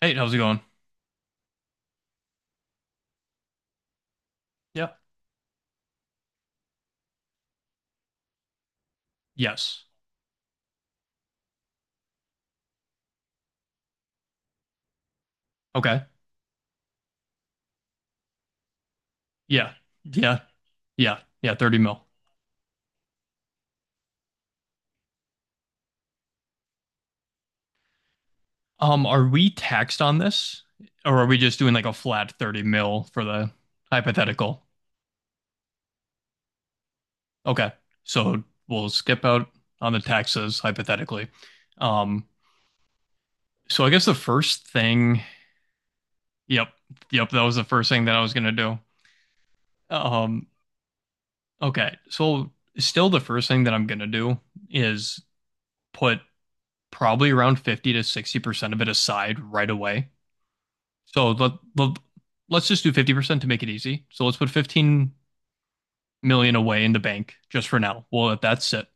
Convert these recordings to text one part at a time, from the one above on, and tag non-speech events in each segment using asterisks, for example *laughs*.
Hey, how's it going? Yeah. Yes. Okay. Yeah, yeah, yeah, yeah. 30 mil. Are we taxed on this? Or are we just doing like a flat 30 mil for the hypothetical? Okay. So we'll skip out on the taxes hypothetically. Um, so I guess the first thing, yep, yep, that was the first thing that I was gonna do. Um, okay. So still the first thing that I'm gonna do is put probably around 50 to 60% of it aside right away. So let's just do 50% to make it easy. So let's put 15 million away in the bank just for now. We'll let that sit.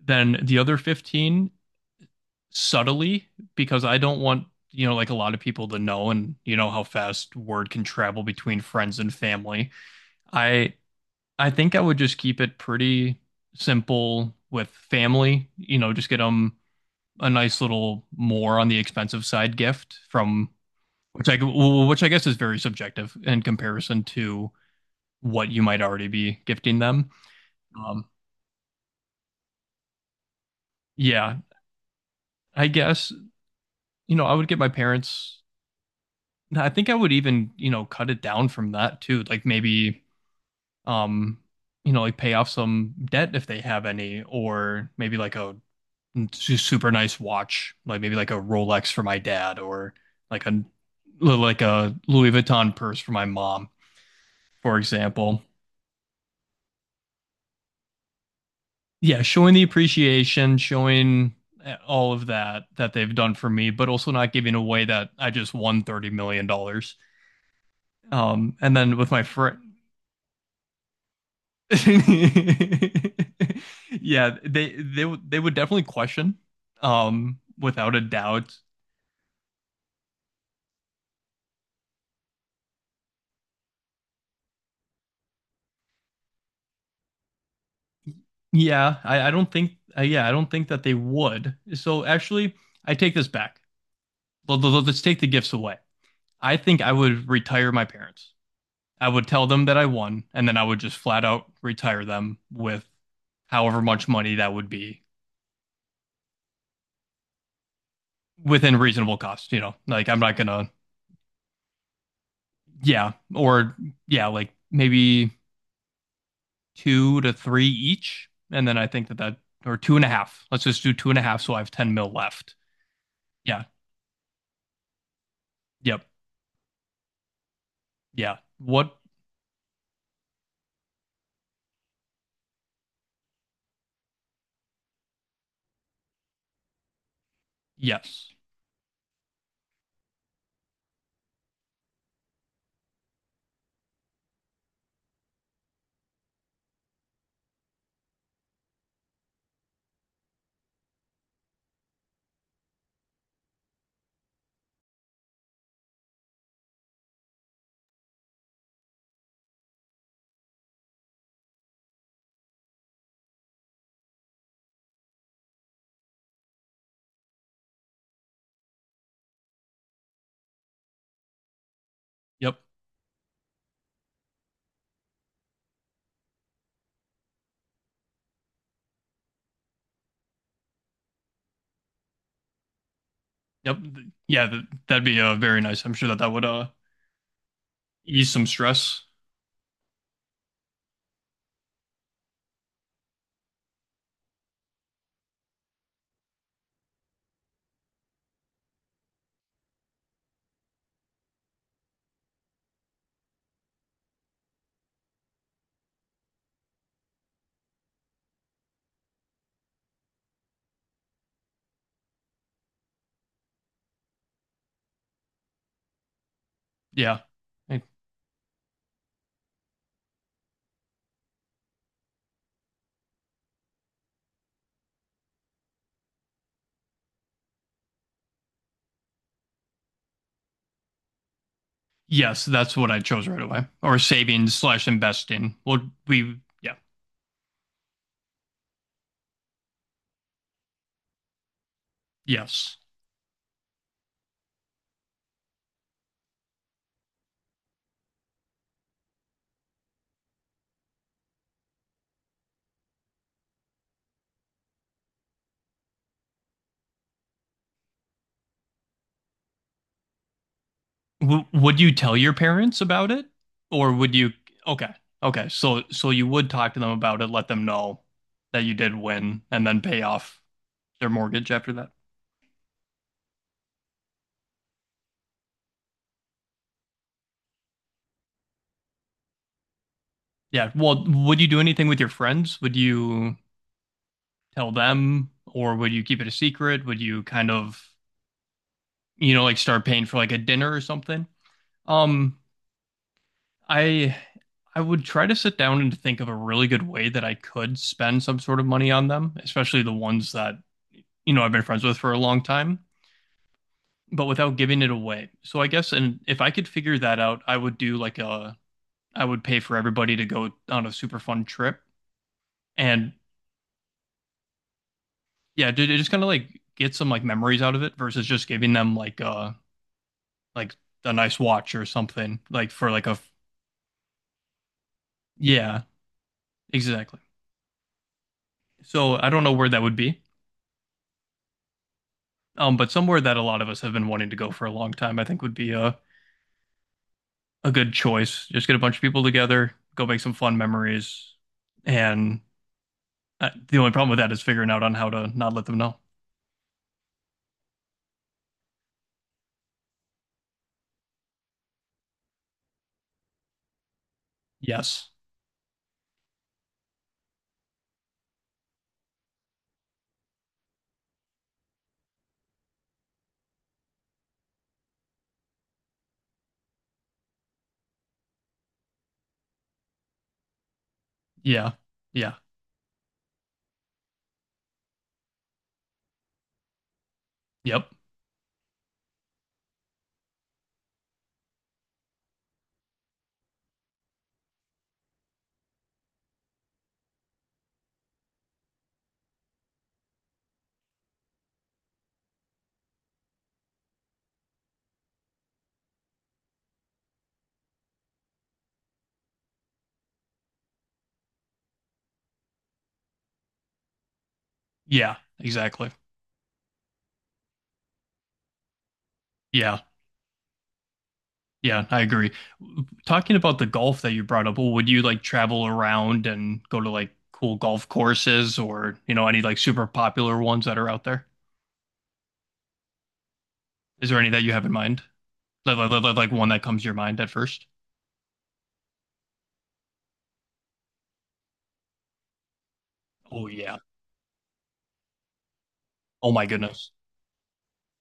Then the other 15 subtly, because I don't want, you know, like a lot of people to know, and you know how fast word can travel between friends and family. I I think I would just keep it pretty simple with family, you know, just get them a nice little more on the expensive side gift from which I guess is very subjective in comparison to what you might already be gifting them. Um, yeah, I guess, you know, I would get my parents. I think I would even, you know, cut it down from that too. Like maybe, um, you know, like pay off some debt if they have any, or maybe like a super nice watch, like maybe like a Rolex for my dad, or like a like a Louis Vuitton purse for my mom, for example. Yeah, showing the appreciation, showing eh, all of that that they've done for me, but also not giving away that I just won $30 million. And then with my friend, *laughs* yeah, they would definitely question, without a doubt. Yeah, I don't think, yeah, I don't think that they would. So actually, I take this back. Let's take the gifts away. I think I would retire my parents. I would tell them that I won, and then I would just flat out retire them with however much money that would be within reasonable cost, you know. Like I'm not gonna, yeah, or yeah, like maybe two to three each, and then I think that that or two and a half. Let's just do two and a half so I have 10 mil left. Yeah. Yep. Yeah. What? Yes. Yep. Yep. Yeah, that'd be very nice. I'm sure that that would ease some stress. Yeah. I. Yes, that's what I chose right away. Or saving slash investing. Would we? Yeah. Yes. W- would you tell your parents about it, or would you? Okay. Okay. So so you would talk to them about it, let them know that you did win, and then pay off their mortgage after that. Yeah. Well, would you do anything with your friends? Would you tell them, or would you keep it a secret? Would you kind of, you know, like start paying for like a dinner or something? Um, I I would try to sit down and think of a really good way that I could spend some sort of money on them, especially the ones that, you know, I've been friends with for a long time, but without giving it away. So I guess, and if I could figure that out, I would do like a. I would pay for everybody to go on a super fun trip, and yeah, dude, it just kind of like get some like memories out of it versus just giving them like a nice watch or something like for like a, yeah, exactly. So I don't know where that would be. But somewhere that a lot of us have been wanting to go for a long time, I think would be a good choice. Just get a bunch of people together, go make some fun memories. And the only problem with that is figuring out on how to not let them know. Yes. Yeah. Yeah. Yep. Yeah. Exactly. Yeah. Yeah. I agree. Talking about the golf that you brought up, well, would you like travel around and go to like cool golf courses or, you know, any like super popular ones that are out there? Is there any that you have in mind? Like, one that comes to your mind at first? Oh yeah. Oh my goodness.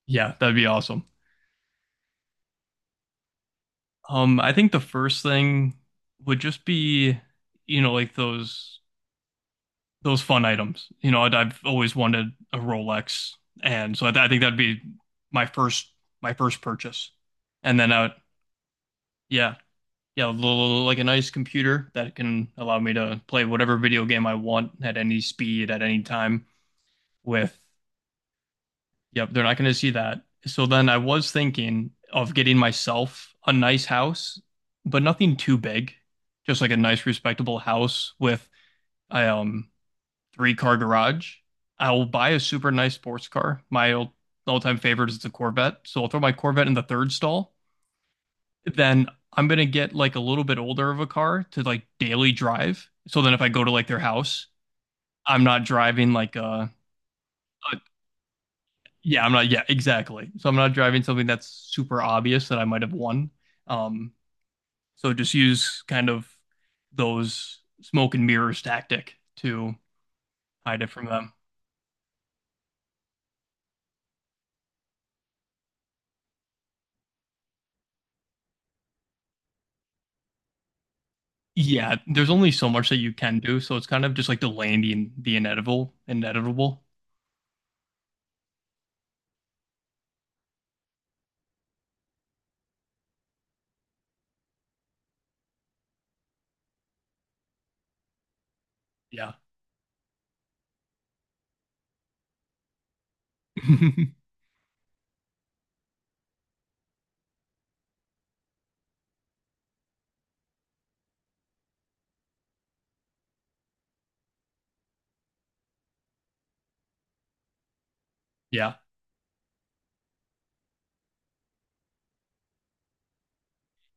Yeah, that'd be awesome. I think the first thing would just be, you know, like those fun items. You know, I've always wanted a Rolex, and so I think that'd be my first my first purchase. And then I would, yeah, yeah, a little, like a nice computer that can allow me to play whatever video game I want at any speed, at any time, with. Yep, they're not going to see that. So then I was thinking of getting myself a nice house, but nothing too big. Just like a nice, respectable house with a three car garage. I'll buy a super nice sports car. My old, all-time favorite is the Corvette. So I'll throw my Corvette in the third stall. Then I'm going to get like a little bit older of a car to like daily drive. So then if I go to like their house, I'm not driving like a. Yeah, I'm not. Yeah, exactly. So I'm not driving something that's super obvious that I might have won. Um, so just use kind of those smoke and mirrors tactic to hide it from them. Yeah, there's only so much that you can do, so it's kind of just like delaying the inevitable, inevitable. Yeah. *laughs* Yeah.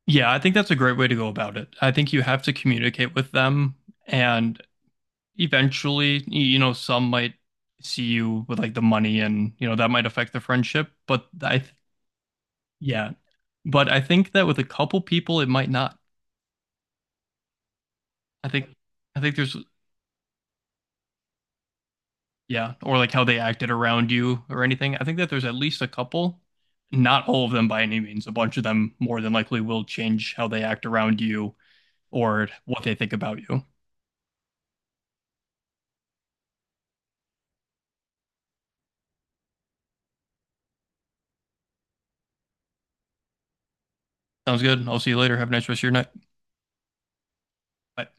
Yeah, I think that's a great way to go about it. I think you have to communicate with them, and eventually, you know, some might see you with like the money and, you know, that might affect the friendship. But I, th yeah. But I think that with a couple people, it might not. I think, I think there's, yeah, or like how they acted around you or anything. I think that there's at least a couple, not all of them by any means. A bunch of them more than likely will change how they act around you or what they think about you. Sounds good. I'll see you later. Have a nice rest of your night. Bye.